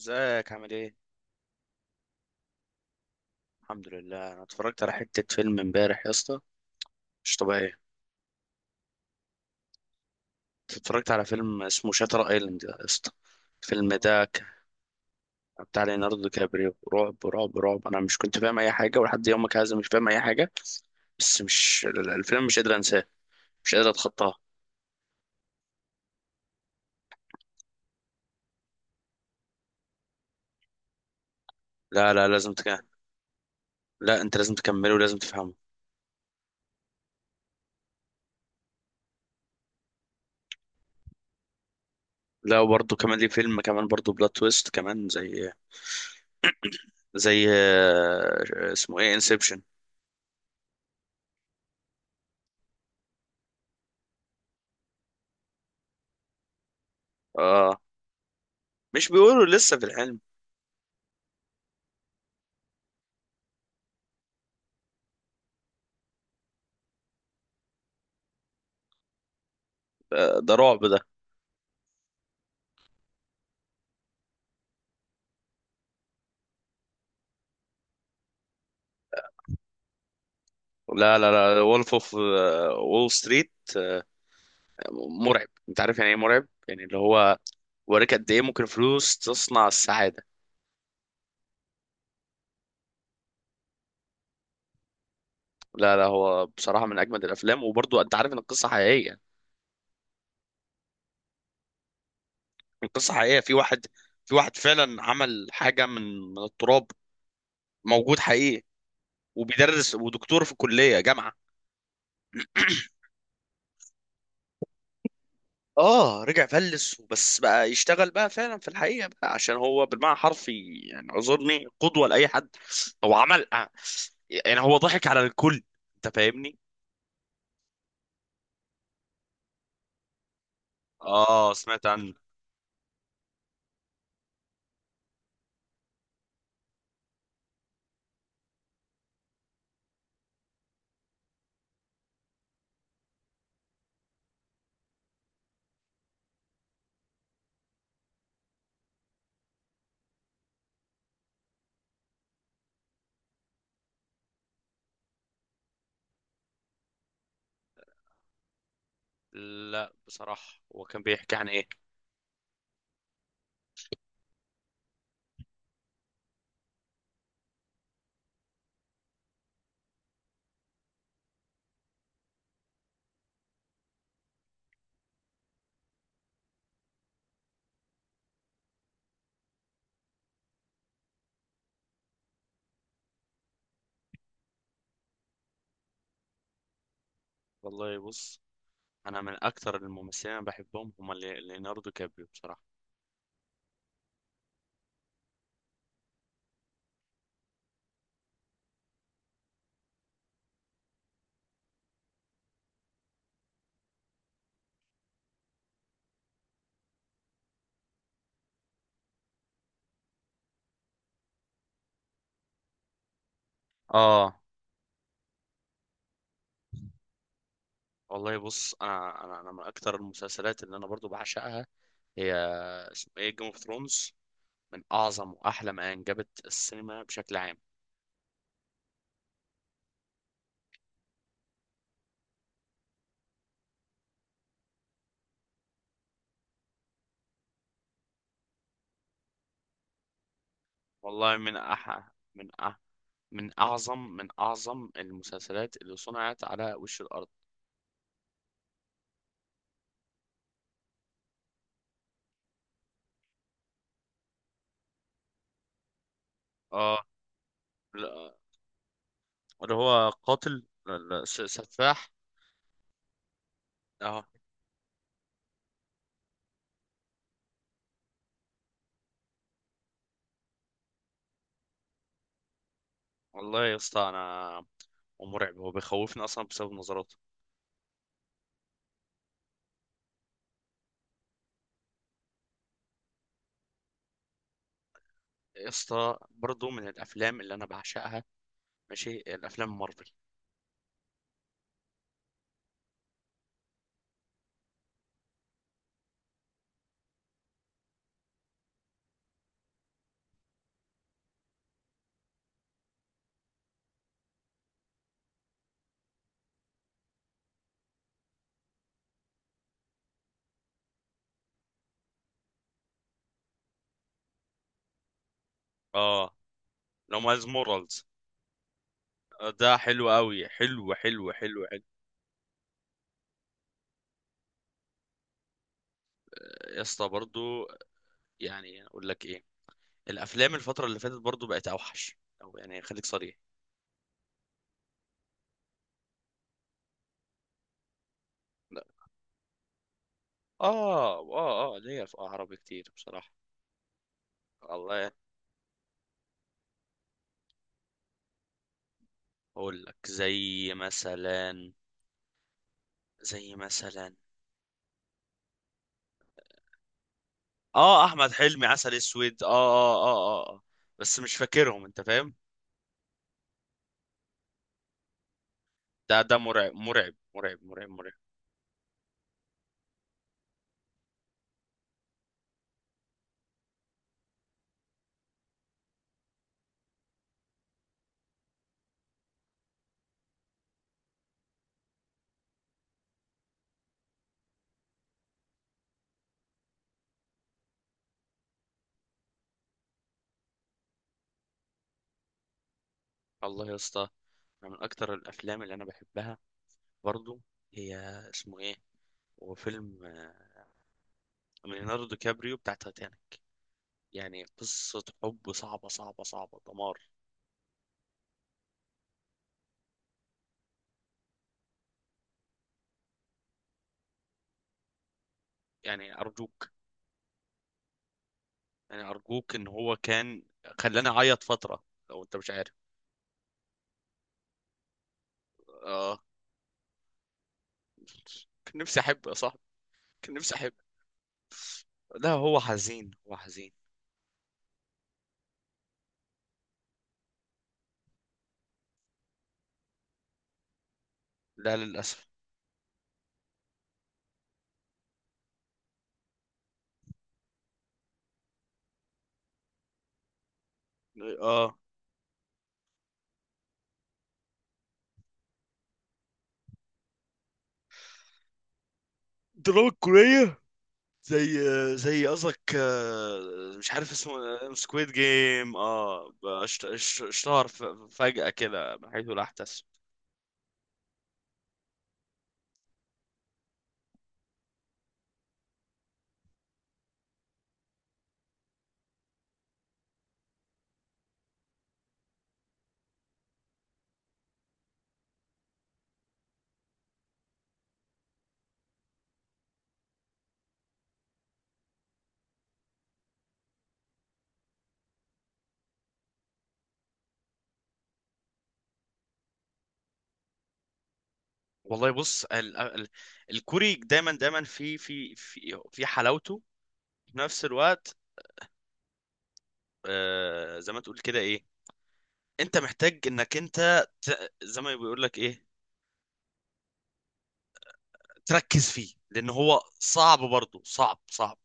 ازيك؟ عامل ايه؟ الحمد لله، انا اتفرجت على حتة فيلم امبارح يا اسطى. مش طبيعية. اتفرجت على فيلم اسمه شاتر ايلاند يا اسطى. الفيلم ده بتاع ليوناردو دي كابريو، رعب رعب رعب. انا مش كنت فاهم اي حاجة ولحد يومك هذا مش فاهم اي حاجة. بس مش الفيلم مش قادر انساه. مش قادر اتخطاه. لا لا لازم لا انت لازم تكمله ولازم تفهمه. لا وبرضه كمان ليه فيلم كمان برضه بلوت تويست كمان، زي زي اسمه ايه؟ انسبشن. اه. مش بيقولوا لسه في العلم؟ ده رعب ده. لا لا لا، وولف اوف وول ستريت مرعب. انت عارف يعني ايه مرعب؟ يعني اللي هو وريك قد ايه ممكن فلوس تصنع السعاده. لا لا، هو بصراحه من اجمد الافلام، وبرضو انت عارف ان القصه حقيقيه. القصه حقيقيه، في واحد في واحد فعلا عمل حاجه من التراب. موجود حقيقي. وبيدرس ودكتور في كليه جامعه. اه، رجع فلس وبس، بقى يشتغل بقى فعلا في الحقيقه، بقى عشان هو بالمعنى حرفي يعني اعذرني قدوه لاي حد. هو عمل يعني هو ضحك على الكل. انت فاهمني. اه سمعت عنه. لا بصراحه، هو كان بيحكي عن ايه؟ والله بص، انا من اكتر الممثلين اللي بحبهم هم ليوناردو كابريو بصراحه. اه. والله بص، انا من اكتر المسلسلات اللي انا برضو بعشقها، هي اسمه ايه، جيم اوف ثرونز. من اعظم واحلى ما انجبت السينما بشكل عام. والله من من من أعظم من أعظم المسلسلات اللي صنعت على وش الأرض. اه. لا- اللي هو قاتل، سفاح. اه. والله يا اسطى أنا، ومرعب، هو بيخوفني أصلا بسبب نظراته. يا اسطى برضه من الأفلام اللي أنا بعشقها ماشي، الأفلام مارفل. اه. لو مايلز مورالز، ده حلو قوي، حلو حلو حلو حلو. يا اسطى برضه، يعني أقول لك إيه، الأفلام الفترة اللي فاتت برضه بقت أوحش. أو يعني خليك صريح. لا. اه اه اه، ليا في عربي كتير بصراحة. والله اقول لك زي مثلا، زي مثلا. اه، احمد حلمي، عسل اسود، اه اه اه اه بس مش فاكرهم، انت فاهم. ده ده مرعب مرعب مرعب مرعب مرعب. الله يا اسطى، أنا من اكتر الافلام اللي انا بحبها برضو، هي اسمه ايه، هو فيلم من ليوناردو كابريو، بتاع تايتانيك. يعني قصة حب صعبة صعبة صعبة، دمار. يعني أرجوك، يعني ارجوك ان هو كان خلاني اعيط فتره، لو انت مش عارف. اه. كان نفسي احب يا صاحبي، كان نفسي احب. لا هو حزين، هو حزين. لا للاسف. اه، دراما كورية؟ زي زي قصدك مش عارف اسمه، سكويد جيم. اه، اشتهر فجأة كده من حيث لا يحتسب. والله بص، ال الكوري دايما دايما في حلاوته. في نفس الوقت زي ما تقول كده ايه، انت محتاج انك زي ما بيقول لك ايه، تركز فيه لان هو صعب برضه، صعب صعب.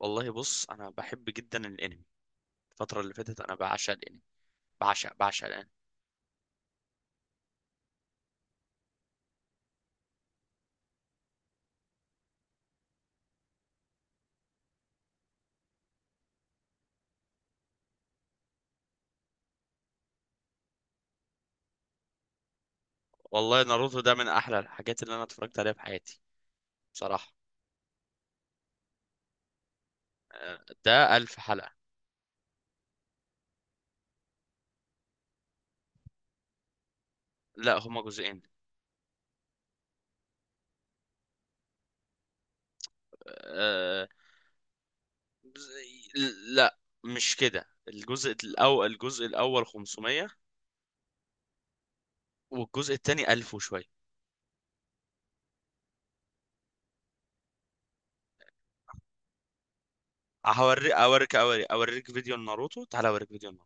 والله بص، انا بحب جدا الانمي. الفتره اللي فاتت انا بعشق الانمي، بعشق الانمي. والله ناروتو ده من احلى الحاجات اللي انا اتفرجت عليها في حياتي، بصراحه. ده ألف حلقه. لا، هما جزئين. آه، جزء- لا مش كده، الجزء الاول، الجزء الاول 500، والجزء الثاني 1000 وشويه. هوريك اوريك اوريك اوريك فيديو، ناروتو، تعالى اوريك فيديو.